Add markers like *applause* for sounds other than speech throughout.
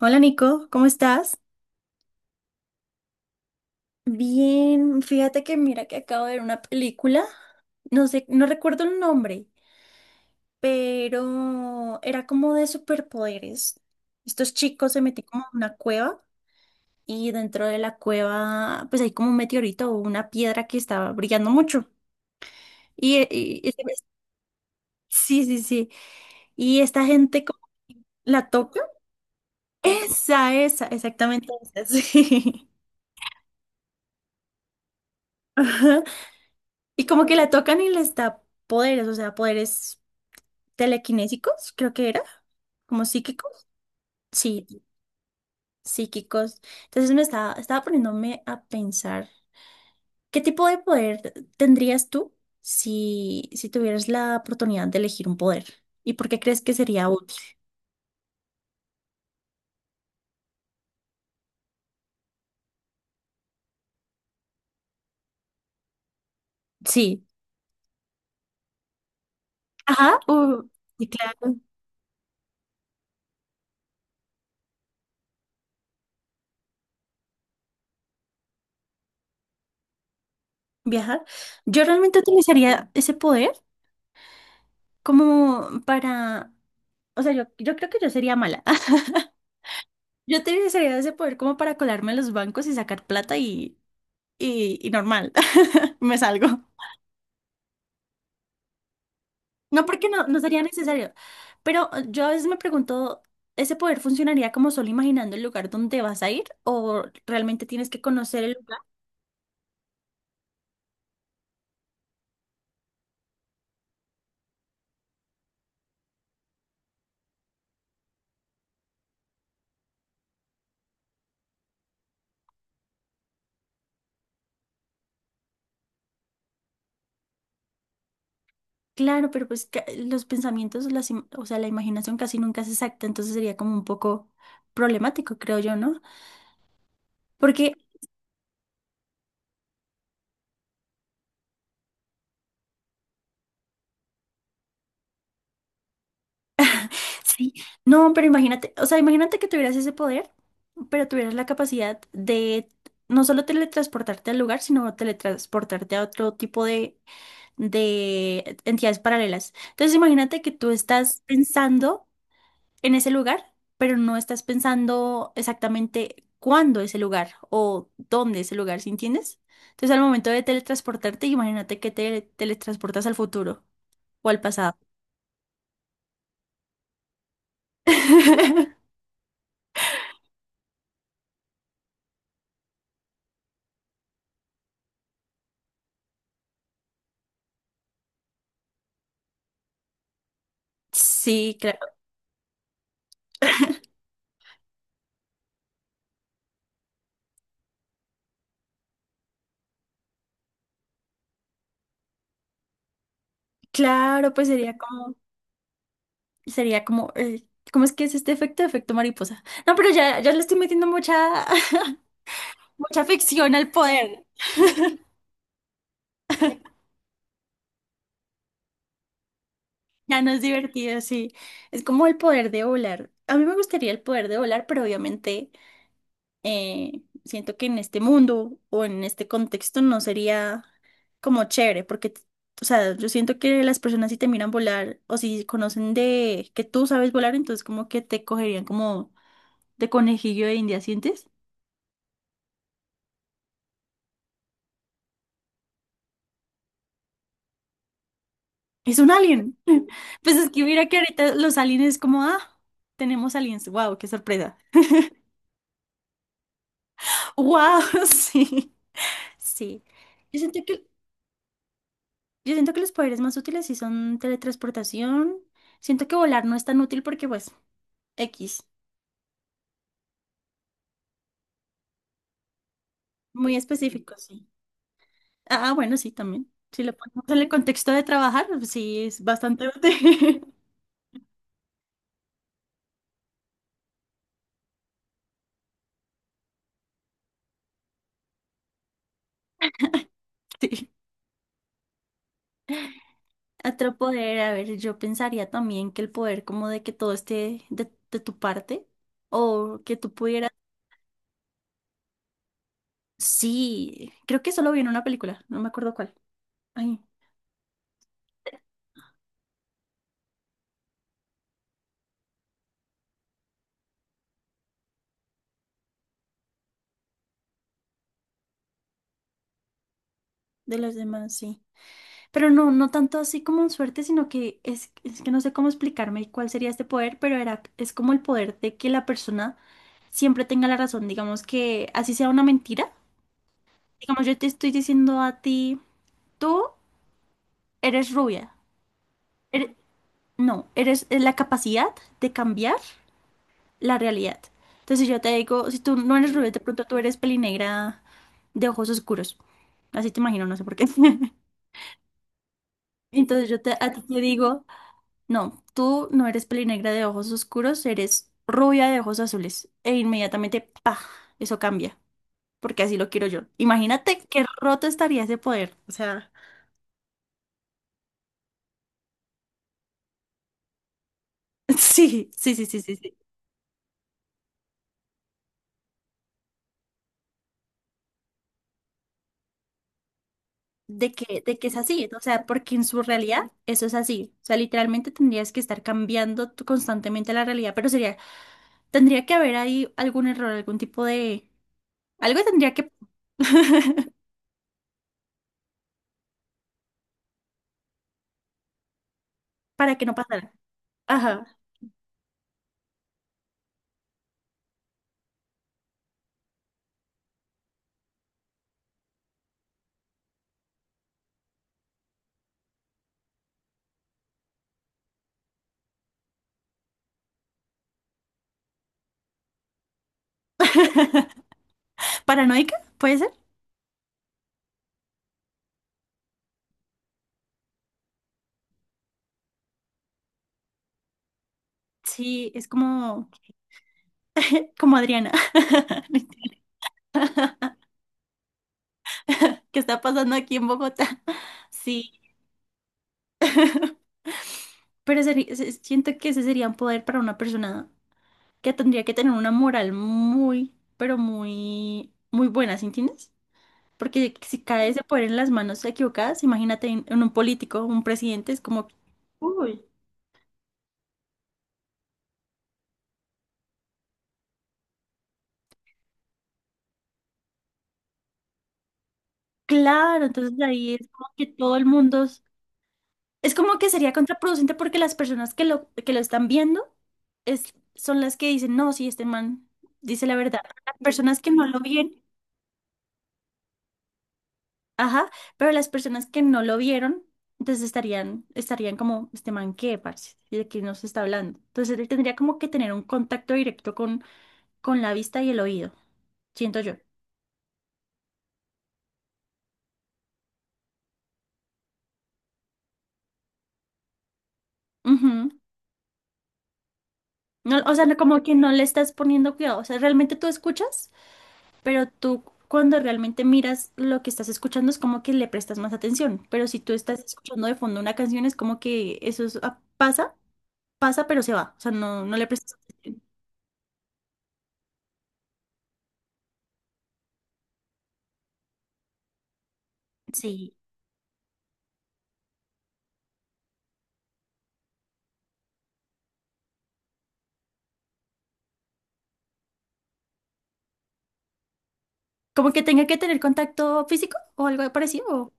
Hola Nico, ¿cómo estás? Bien, fíjate que mira que acabo de ver una película, no sé, no recuerdo el nombre, pero era como de superpoderes. Estos chicos se metían como en una cueva y dentro de la cueva pues hay como un meteorito o una piedra que estaba brillando mucho. Y, y- y- sí, sí, sí. Y esta gente como la toca. Esa, exactamente esa, sí. *laughs* Ajá. Y como que la tocan y les da poderes, o sea, poderes telequinésicos, creo que era, como psíquicos. Sí, psíquicos. Entonces estaba poniéndome a pensar, ¿qué tipo de poder tendrías tú si, si tuvieras la oportunidad de elegir un poder? ¿Y por qué crees que sería útil? Sí. Ajá, u- y claro, viajar. Yo realmente utilizaría ese poder como para, o sea, yo creo que yo sería mala. *laughs* Yo utilizaría ese poder como para colarme a los bancos y sacar plata y y normal, *laughs* me salgo. No porque no, no sería necesario, pero yo a veces me pregunto, ¿ese poder funcionaría como solo imaginando el lugar donde vas a ir o realmente tienes que conocer el lugar? Claro, pero pues ca- los pensamientos, las, im- o sea, la imaginación casi nunca es exacta, entonces sería como un poco problemático, creo yo, ¿no? Porque sí, no, pero imagínate, o sea, imagínate que tuvieras ese poder, pero tuvieras la capacidad de no solo teletransportarte al lugar, sino teletransportarte a otro tipo de entidades paralelas. Entonces, imagínate que tú estás pensando en ese lugar, pero no estás pensando exactamente cuándo ese lugar o dónde ese lugar, ¿sí entiendes? Entonces, al momento de teletransportarte, imagínate que te teletransportas al futuro o al pasado. *laughs* Sí, claro. Claro, pues sería como, ¿cómo es que es este efecto? Efecto mariposa. No, pero ya, ya le estoy metiendo mucha, *laughs* mucha ficción al poder. Ya no es divertido, sí. Es como el poder de volar. A mí me gustaría el poder de volar, pero obviamente siento que en este mundo o en este contexto no sería como chévere, porque, o sea, yo siento que las personas si te miran volar o si conocen de que tú sabes volar, entonces como que te cogerían como de conejillo de India, ¿sientes? Es un alien. *laughs* Pues es que mira que ahorita los aliens como, ah, tenemos aliens. Wow, qué sorpresa. Wow, *laughs* sí. Sí. Yo siento que yo siento que los poderes más útiles sí son teletransportación. Siento que volar no es tan útil porque, pues, X. Muy específico, sí. Ah, ah, bueno, sí, también. Si lo ponemos en el contexto de trabajar, pues sí, es bastante útil. *laughs* Sí. Otro poder, a ver, yo pensaría también que el poder como de que todo esté de tu parte o que tú pudieras... Sí, creo que eso lo vi en una película, no me acuerdo cuál. Ay, de los demás, sí. Pero no, no tanto así como suerte, sino que es que no sé cómo explicarme cuál sería este poder, pero era, es como el poder de que la persona siempre tenga la razón, digamos que así sea una mentira. Digamos, yo te estoy diciendo a ti, tú eres rubia. Eres- no, eres es la capacidad de cambiar la realidad. Entonces si yo te digo, si tú no eres rubia, de pronto tú eres pelinegra de ojos oscuros. Así te imagino, no sé por qué. *laughs* Entonces yo te, a ti te digo... No, tú no eres pelinegra de ojos oscuros, eres rubia de ojos azules. E inmediatamente, ¡pah! Eso cambia, porque así lo quiero yo. Imagínate qué roto estaría ese poder. O sea, *laughs* sí, sí, sí, sí, sí, sí. De que es así, o sea, porque en su realidad eso es así. O sea, literalmente tendrías que estar cambiando tú constantemente la realidad, pero sería, tendría que haber ahí algún error, algún tipo de... Algo tendría que... *laughs* para que no pasara. Ajá. *laughs* ¿Paranoica? ¿Puede ser? Sí, es como, como Adriana, *laughs* mentira, que está pasando aquí en Bogotá. Sí, pero seri- se- siento que ese sería un poder para una persona que tendría que tener una moral muy, pero muy, muy buena, ¿sí entiendes? Porque si cae ese poder en las manos equivocadas, imagínate en un político, un presidente, es como, uy, claro, entonces ahí es como que todo el mundo es como que sería contraproducente porque las personas que lo están viendo son las que dicen, no, sí, este man dice la verdad. Las personas que no lo vieron, ajá, pero las personas que no lo vieron, entonces estarían como, este man, ¿qué, parce? ¿Y de qué nos está hablando? Entonces él tendría como que tener un contacto directo con la vista y el oído, siento yo. Ujú. No, o sea, no- como que no le estás poniendo cuidado. O sea, ¿realmente tú escuchas? Pero tú cuando realmente miras lo que estás escuchando es como que le prestas más atención. Pero si tú estás escuchando de fondo una canción es como que eso es- ah, pasa, pasa, pero se va. O sea, no, no le prestas atención. Sí. Como que tenga que tener contacto físico o algo parecido. O-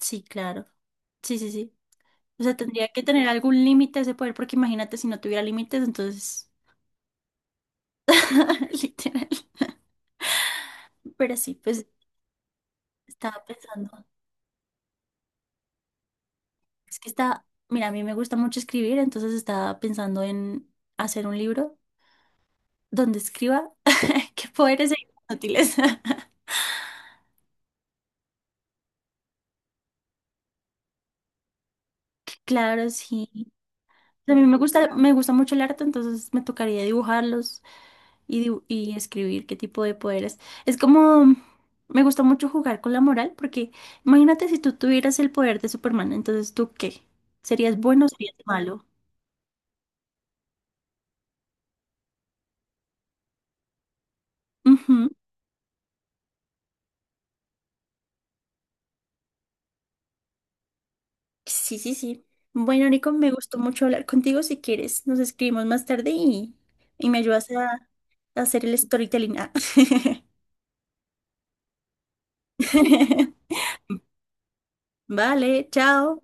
sí, claro. Sí, sí, sí. O sea, tendría que tener algún límite ese poder, porque imagínate si no tuviera límites, entonces, *laughs* literal. Pero sí, pues estaba pensando. Es que está, mira, a mí me gusta mucho escribir, entonces estaba pensando en hacer un libro donde escriba. *laughs* Qué poderes e inútiles. *laughs* Claro, sí. A mí me gusta mucho el arte, entonces me tocaría dibujarlos y, dibu- y escribir qué tipo de poderes. Es como, me gusta mucho jugar con la moral, porque imagínate si tú tuvieras el poder de Superman, entonces ¿tú qué? ¿Serías bueno o serías malo? Ujú. Sí, sí, sí. Bueno, Nico, me gustó mucho hablar contigo. Si quieres, nos escribimos más tarde y me ayudas a hacer el storytelling. Ah. *laughs* Vale, chao.